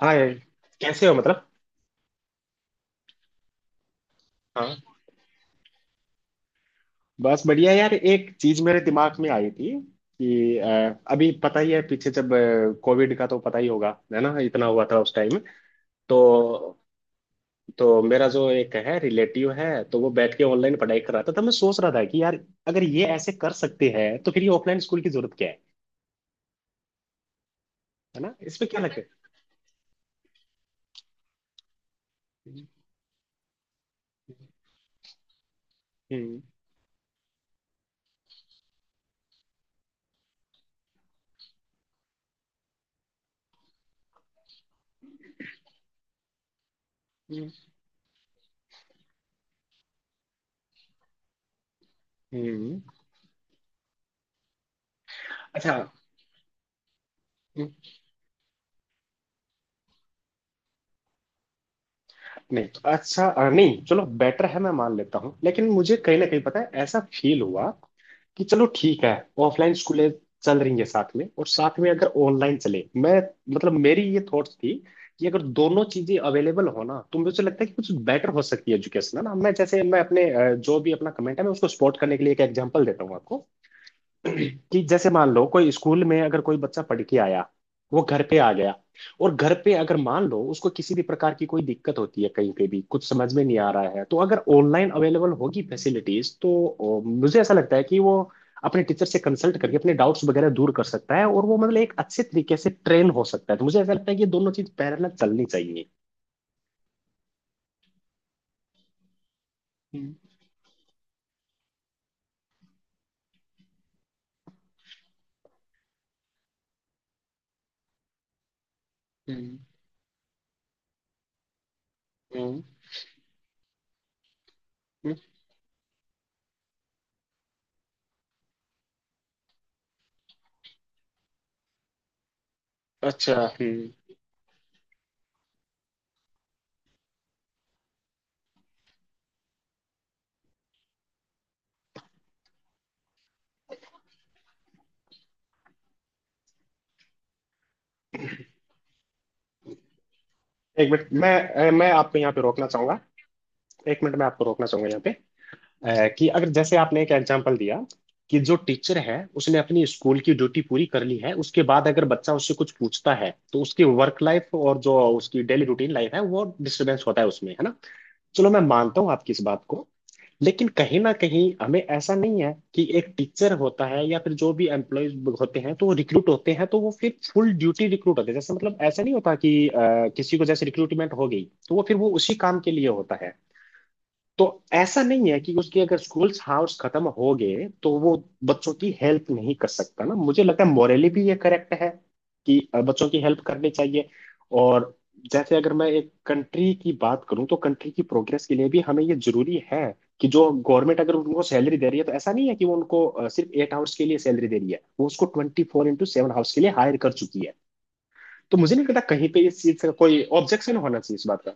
हाँ यार, कैसे हो मतलब? हाँ, बस बढ़िया यार। एक चीज मेरे दिमाग में आई थी कि अभी पता ही है, पीछे जब कोविड का तो पता ही होगा, है ना, इतना हुआ था उस टाइम। तो तो मेरा जो एक है रिलेटिव है, तो वो बैठ के ऑनलाइन पढ़ाई कर रहा था, तो मैं सोच रहा था कि यार अगर ये ऐसे कर सकते हैं, तो फिर ये ऑफलाइन स्कूल की जरूरत क्या है। है ना, इसमें क्या लगता है? हम्म। हम्म। हम्म। अच्छा। हम्म। नहीं, तो अच्छा, नहीं चलो, बेटर है, मैं मान लेता हूँ, लेकिन मुझे कहीं ना कहीं पता है, ऐसा फील हुआ कि चलो ठीक है, ऑफलाइन स्कूलें चल रही हैं साथ में, और साथ में अगर ऑनलाइन चले। मैं मतलब मेरी ये थॉट्स थी कि अगर दोनों चीजें अवेलेबल हो ना, तो मुझे लगता है कि कुछ बेटर हो सकती है एजुकेशन, है ना। मैं जैसे मैं अपने जो भी अपना कमेंट है, मैं उसको सपोर्ट करने के लिए एक एग्जांपल देता हूँ आपको कि जैसे मान लो कोई स्कूल में अगर कोई बच्चा पढ़ के आया, वो घर पे आ गया, और घर पे अगर मान लो उसको किसी भी प्रकार की कोई दिक्कत होती है, कहीं पे भी कुछ समझ में नहीं आ रहा है, तो अगर ऑनलाइन अवेलेबल होगी फैसिलिटीज, तो मुझे ऐसा लगता है कि वो अपने टीचर से कंसल्ट करके अपने डाउट्स वगैरह दूर कर सकता है, और वो मतलब एक अच्छे तरीके से ट्रेन हो सकता है। तो मुझे ऐसा लगता है कि ये दोनों चीज पैरेलल चलनी चाहिए। हम्म। हम्म। हम्म। हम्म। अच्छा। हम्म। एक मिनट, मैं आपको यहाँ पे रोकना चाहूंगा। एक मिनट, मैं आपको रोकना चाहूंगा यहाँ पे। कि अगर जैसे आपने एक एग्जांपल दिया कि जो टीचर है, उसने अपनी स्कूल की ड्यूटी पूरी कर ली है, उसके बाद अगर बच्चा उससे कुछ पूछता है, तो उसकी वर्क लाइफ और जो उसकी डेली रूटीन लाइफ है, वो डिस्टर्बेंस होता है उसमें, है ना। चलो मैं मानता हूँ आपकी इस बात को, लेकिन कहीं ना कहीं हमें ऐसा नहीं है कि एक टीचर होता है या फिर जो भी एम्प्लॉयज होते हैं, तो वो रिक्रूट होते हैं, तो वो फिर फुल ड्यूटी रिक्रूट होते हैं। जैसे मतलब ऐसा नहीं होता कि किसी को जैसे रिक्रूटमेंट हो गई, तो वो फिर वो उसी काम के लिए होता है। तो ऐसा नहीं है कि उसके अगर स्कूल्स हाउस खत्म हो गए, तो वो बच्चों की हेल्प नहीं कर सकता ना। मुझे लगता है मोरली भी ये करेक्ट है कि बच्चों की हेल्प करनी चाहिए। और जैसे अगर मैं एक कंट्री की बात करूं, तो कंट्री की प्रोग्रेस के लिए भी हमें ये जरूरी है कि जो गवर्नमेंट अगर उनको सैलरी दे रही है, तो ऐसा नहीं है कि वो उनको सिर्फ 8 आवर्स के लिए सैलरी दे रही है। वो उसको 24x7 आवर्स के लिए हायर कर चुकी है। तो मुझे नहीं लगता कहीं पे इस चीज का कोई ऑब्जेक्शन होना चाहिए इस बात का।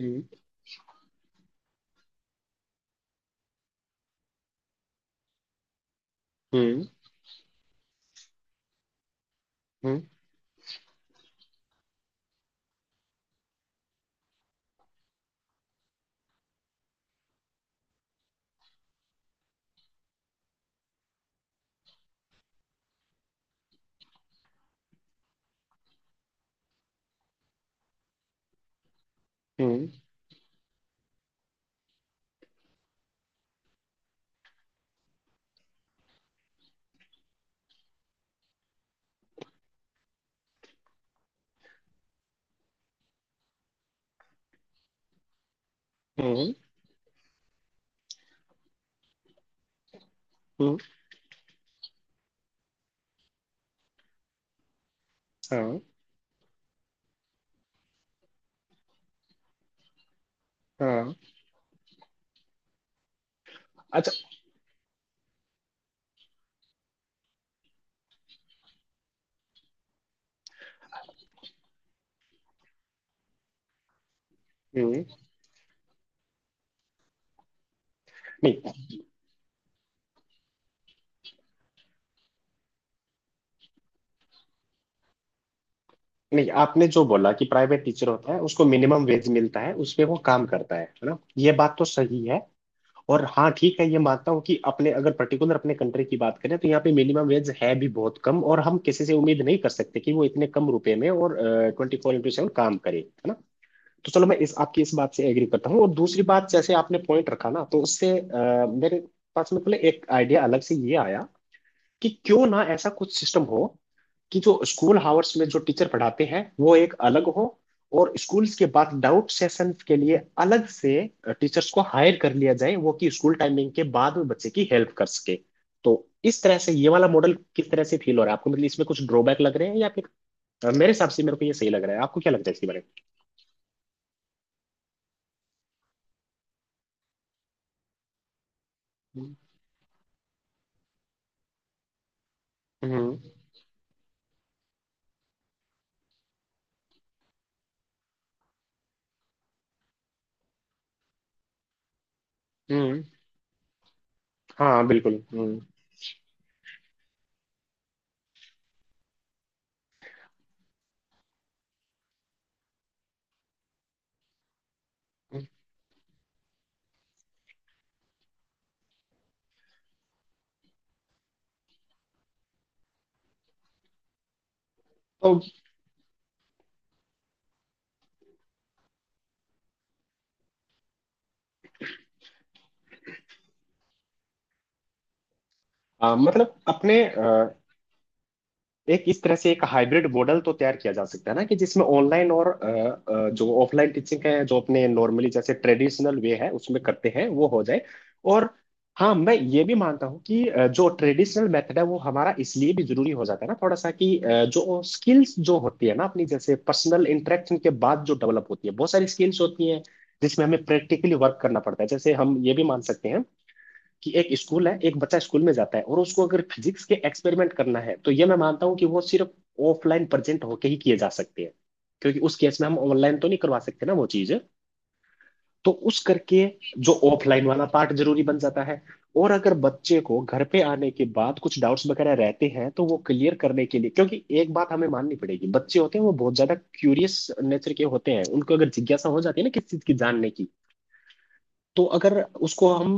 हम्म। हम्म। हम्म। हम्म। हम्म। हम्म। हाँ, हाँ। अच्छा। हम्म। नहीं, नहीं, आपने जो बोला कि प्राइवेट टीचर होता है, उसको मिनिमम वेज मिलता है, उसपे वो काम करता है ना, ये बात तो सही है। और हाँ, ठीक है, ये मानता हूँ कि अपने अगर पर्टिकुलर अपने कंट्री की बात करें, तो यहाँ पे मिनिमम वेज है भी बहुत कम, और हम किसी से उम्मीद नहीं कर सकते कि वो इतने कम रुपए में और 24x7 काम करे, है ना। तो चलो मैं इस आपकी इस बात से एग्री करता हूँ। और दूसरी बात, जैसे आपने पॉइंट रखा ना, तो उससे मेरे पास में पहले एक आइडिया अलग से ये आया कि क्यों ना ऐसा कुछ सिस्टम हो कि जो स्कूल आवर्स में जो टीचर पढ़ाते हैं वो एक अलग हो, और स्कूल्स के बाद डाउट सेशंस के लिए अलग से टीचर्स को हायर कर लिया जाए, वो कि स्कूल टाइमिंग के बाद में बच्चे की हेल्प कर सके। तो इस तरह से ये वाला मॉडल किस तरह से फील हो रहा है आपको? मतलब इसमें कुछ ड्रॉबैक लग रहे हैं या फिर मेरे हिसाब से मेरे को ये सही लग रहा है। आपको क्या लगता है इसके बारे में? हम्म। हम्म। हम्म, हाँ बिल्कुल। हम्म। तो मतलब अपने एक इस तरह से एक हाइब्रिड मॉडल तो तैयार किया जा सकता है ना, कि जिसमें ऑनलाइन और जो ऑफलाइन टीचिंग है, जो अपने नॉर्मली जैसे ट्रेडिशनल वे है उसमें करते हैं, वो हो जाए। और हाँ, मैं ये भी मानता हूँ कि जो ट्रेडिशनल मेथड है वो हमारा इसलिए भी जरूरी हो जाता है ना, थोड़ा सा, कि जो स्किल्स जो होती है ना अपनी, जैसे पर्सनल इंटरेक्शन के बाद जो डेवलप होती है, बहुत सारी स्किल्स होती हैं जिसमें हमें प्रैक्टिकली वर्क करना पड़ता है। जैसे हम ये भी मान सकते हैं कि एक स्कूल है, एक बच्चा स्कूल में जाता है, और उसको अगर फिजिक्स के एक्सपेरिमेंट करना है, तो ये मैं मानता हूँ कि वो सिर्फ ऑफलाइन प्रेजेंट होके ही किए जा सकते हैं, क्योंकि उस केस में हम ऑनलाइन तो नहीं करवा सकते ना वो चीज। तो उस करके जो ऑफलाइन वाला पार्ट जरूरी बन जाता है। और अगर बच्चे को घर पे आने के बाद कुछ डाउट्स वगैरह रहते हैं, तो वो क्लियर करने के लिए, क्योंकि एक बात हमें माननी पड़ेगी, बच्चे होते हैं वो बहुत ज्यादा क्यूरियस नेचर के होते हैं। उनको अगर जिज्ञासा हो जाती है ना किसी चीज की जानने की, तो अगर उसको हम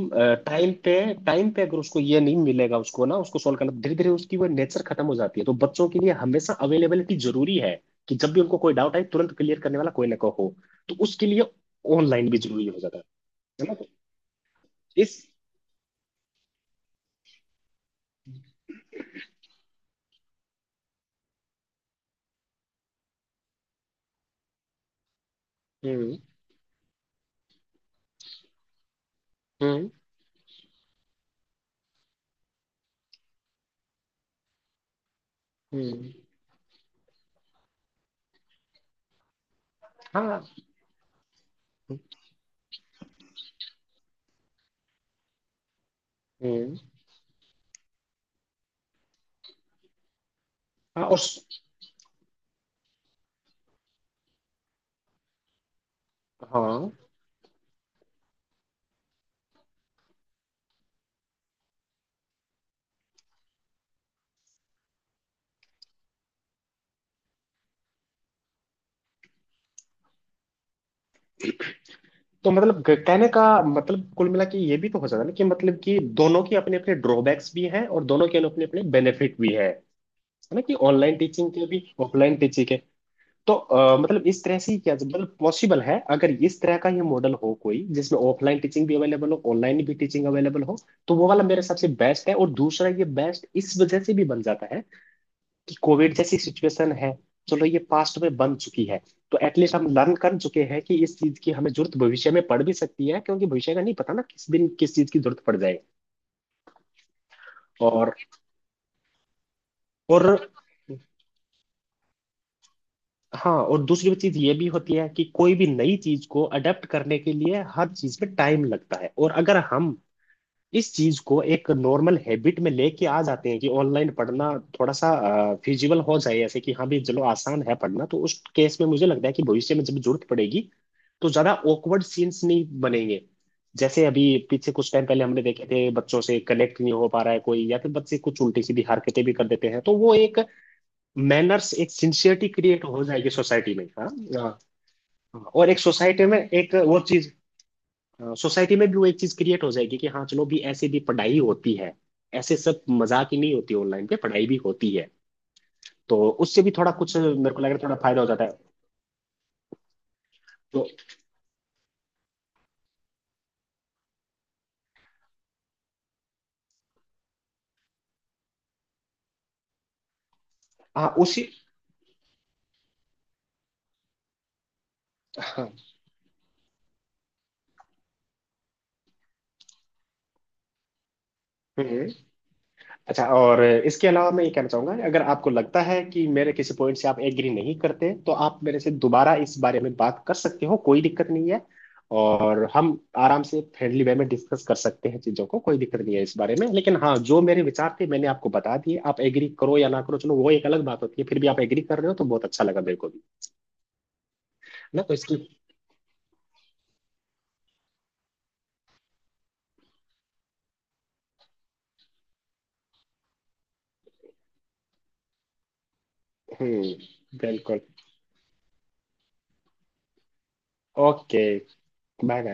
टाइम पे, टाइम पे अगर उसको ये नहीं मिलेगा, उसको ना उसको सॉल्व करना, धीरे धीरे उसकी वो नेचर खत्म हो जाती है। तो बच्चों के लिए हमेशा अवेलेबिलिटी जरूरी है कि जब भी उनको कोई डाउट आए, तुरंत क्लियर करने वाला कोई ना कोई हो। तो उसके लिए ऑनलाइन भी जरूरी हो जाता है ना। तो इस हम्म। हम्म। हम्म। हाँ। हम्म। हाँ और हाँ। तो मतलब कहने का मतलब कुल मिला के ये भी तो हो जाता है ना कि मतलब कि दोनों की अपने अपने ड्रॉबैक्स भी हैं और दोनों के अपने अपने बेनिफिट भी है ना, कि ऑनलाइन टीचिंग के भी, ऑफलाइन टीचिंग है। तो मतलब इस तरह से ही क्या मतलब पॉसिबल है अगर इस तरह का ये मॉडल हो कोई जिसमें ऑफलाइन टीचिंग भी अवेलेबल हो, ऑनलाइन भी टीचिंग अवेलेबल हो, तो वो वाला मेरे हिसाब से बेस्ट है। और दूसरा ये बेस्ट इस वजह से भी बन जाता है कि कोविड जैसी सिचुएशन है, चलो ये पास्ट में बन चुकी है, तो एटलीस्ट हम लर्न कर चुके हैं कि इस चीज की हमें जरूरत भविष्य में पड़ भी सकती है, क्योंकि भविष्य का नहीं पता ना किस दिन किस चीज की जरूरत पड़ जाए। और और हाँ, और दूसरी चीज ये भी होती है कि कोई भी नई चीज को अडेप्ट करने के लिए हर चीज में टाइम लगता है। और अगर हम इस चीज को एक नॉर्मल हैबिट में लेके आ जाते हैं कि ऑनलाइन पढ़ना थोड़ा सा फिजिबल हो जाए, ऐसे कि हाँ भी चलो आसान है पढ़ना, तो उस केस में मुझे लगता है कि भविष्य में जब जरूरत पड़ेगी, तो ज्यादा awkward सीन्स नहीं बनेंगे। जैसे अभी पीछे कुछ टाइम पहले हमने देखे थे, बच्चों से कनेक्ट नहीं हो पा रहा है कोई, या फिर बच्चे कुछ उल्टी सीधी हरकतें भी कर देते हैं, तो वो एक मैनर्स, एक सिंसियरिटी क्रिएट हो जाएगी सोसाइटी में। हाँ, हाँ, हाँ। और एक सोसाइटी में एक वो चीज, सोसाइटी में भी वो एक चीज क्रिएट हो जाएगी कि हाँ चलो भी ऐसे भी पढ़ाई होती है, ऐसे सब मजाक ही नहीं होती, ऑनलाइन पे पढ़ाई भी होती है। तो उससे भी थोड़ा कुछ मेरे को लग रहा है थोड़ा फायदा हो जाता है। तो हाँ, उसी। हाँ, हम्म। अच्छा, और इसके अलावा मैं ये कहना चाहूंगा कि अगर आपको लगता है कि मेरे किसी पॉइंट से आप एग्री नहीं करते, तो आप मेरे से दोबारा इस बारे में बात कर सकते हो, कोई दिक्कत नहीं है। और हम आराम से फ्रेंडली वे में डिस्कस कर सकते हैं चीज़ों को, कोई दिक्कत नहीं है इस बारे में। लेकिन हाँ, जो मेरे विचार थे मैंने आपको बता दिए, आप एग्री करो या ना करो, चलो वो एक अलग बात होती है। फिर भी आप एग्री कर रहे हो, तो बहुत अच्छा लगा मेरे को भी, है ना। तो इसकी हम्म। बिल्कुल। ओके। Bye bye.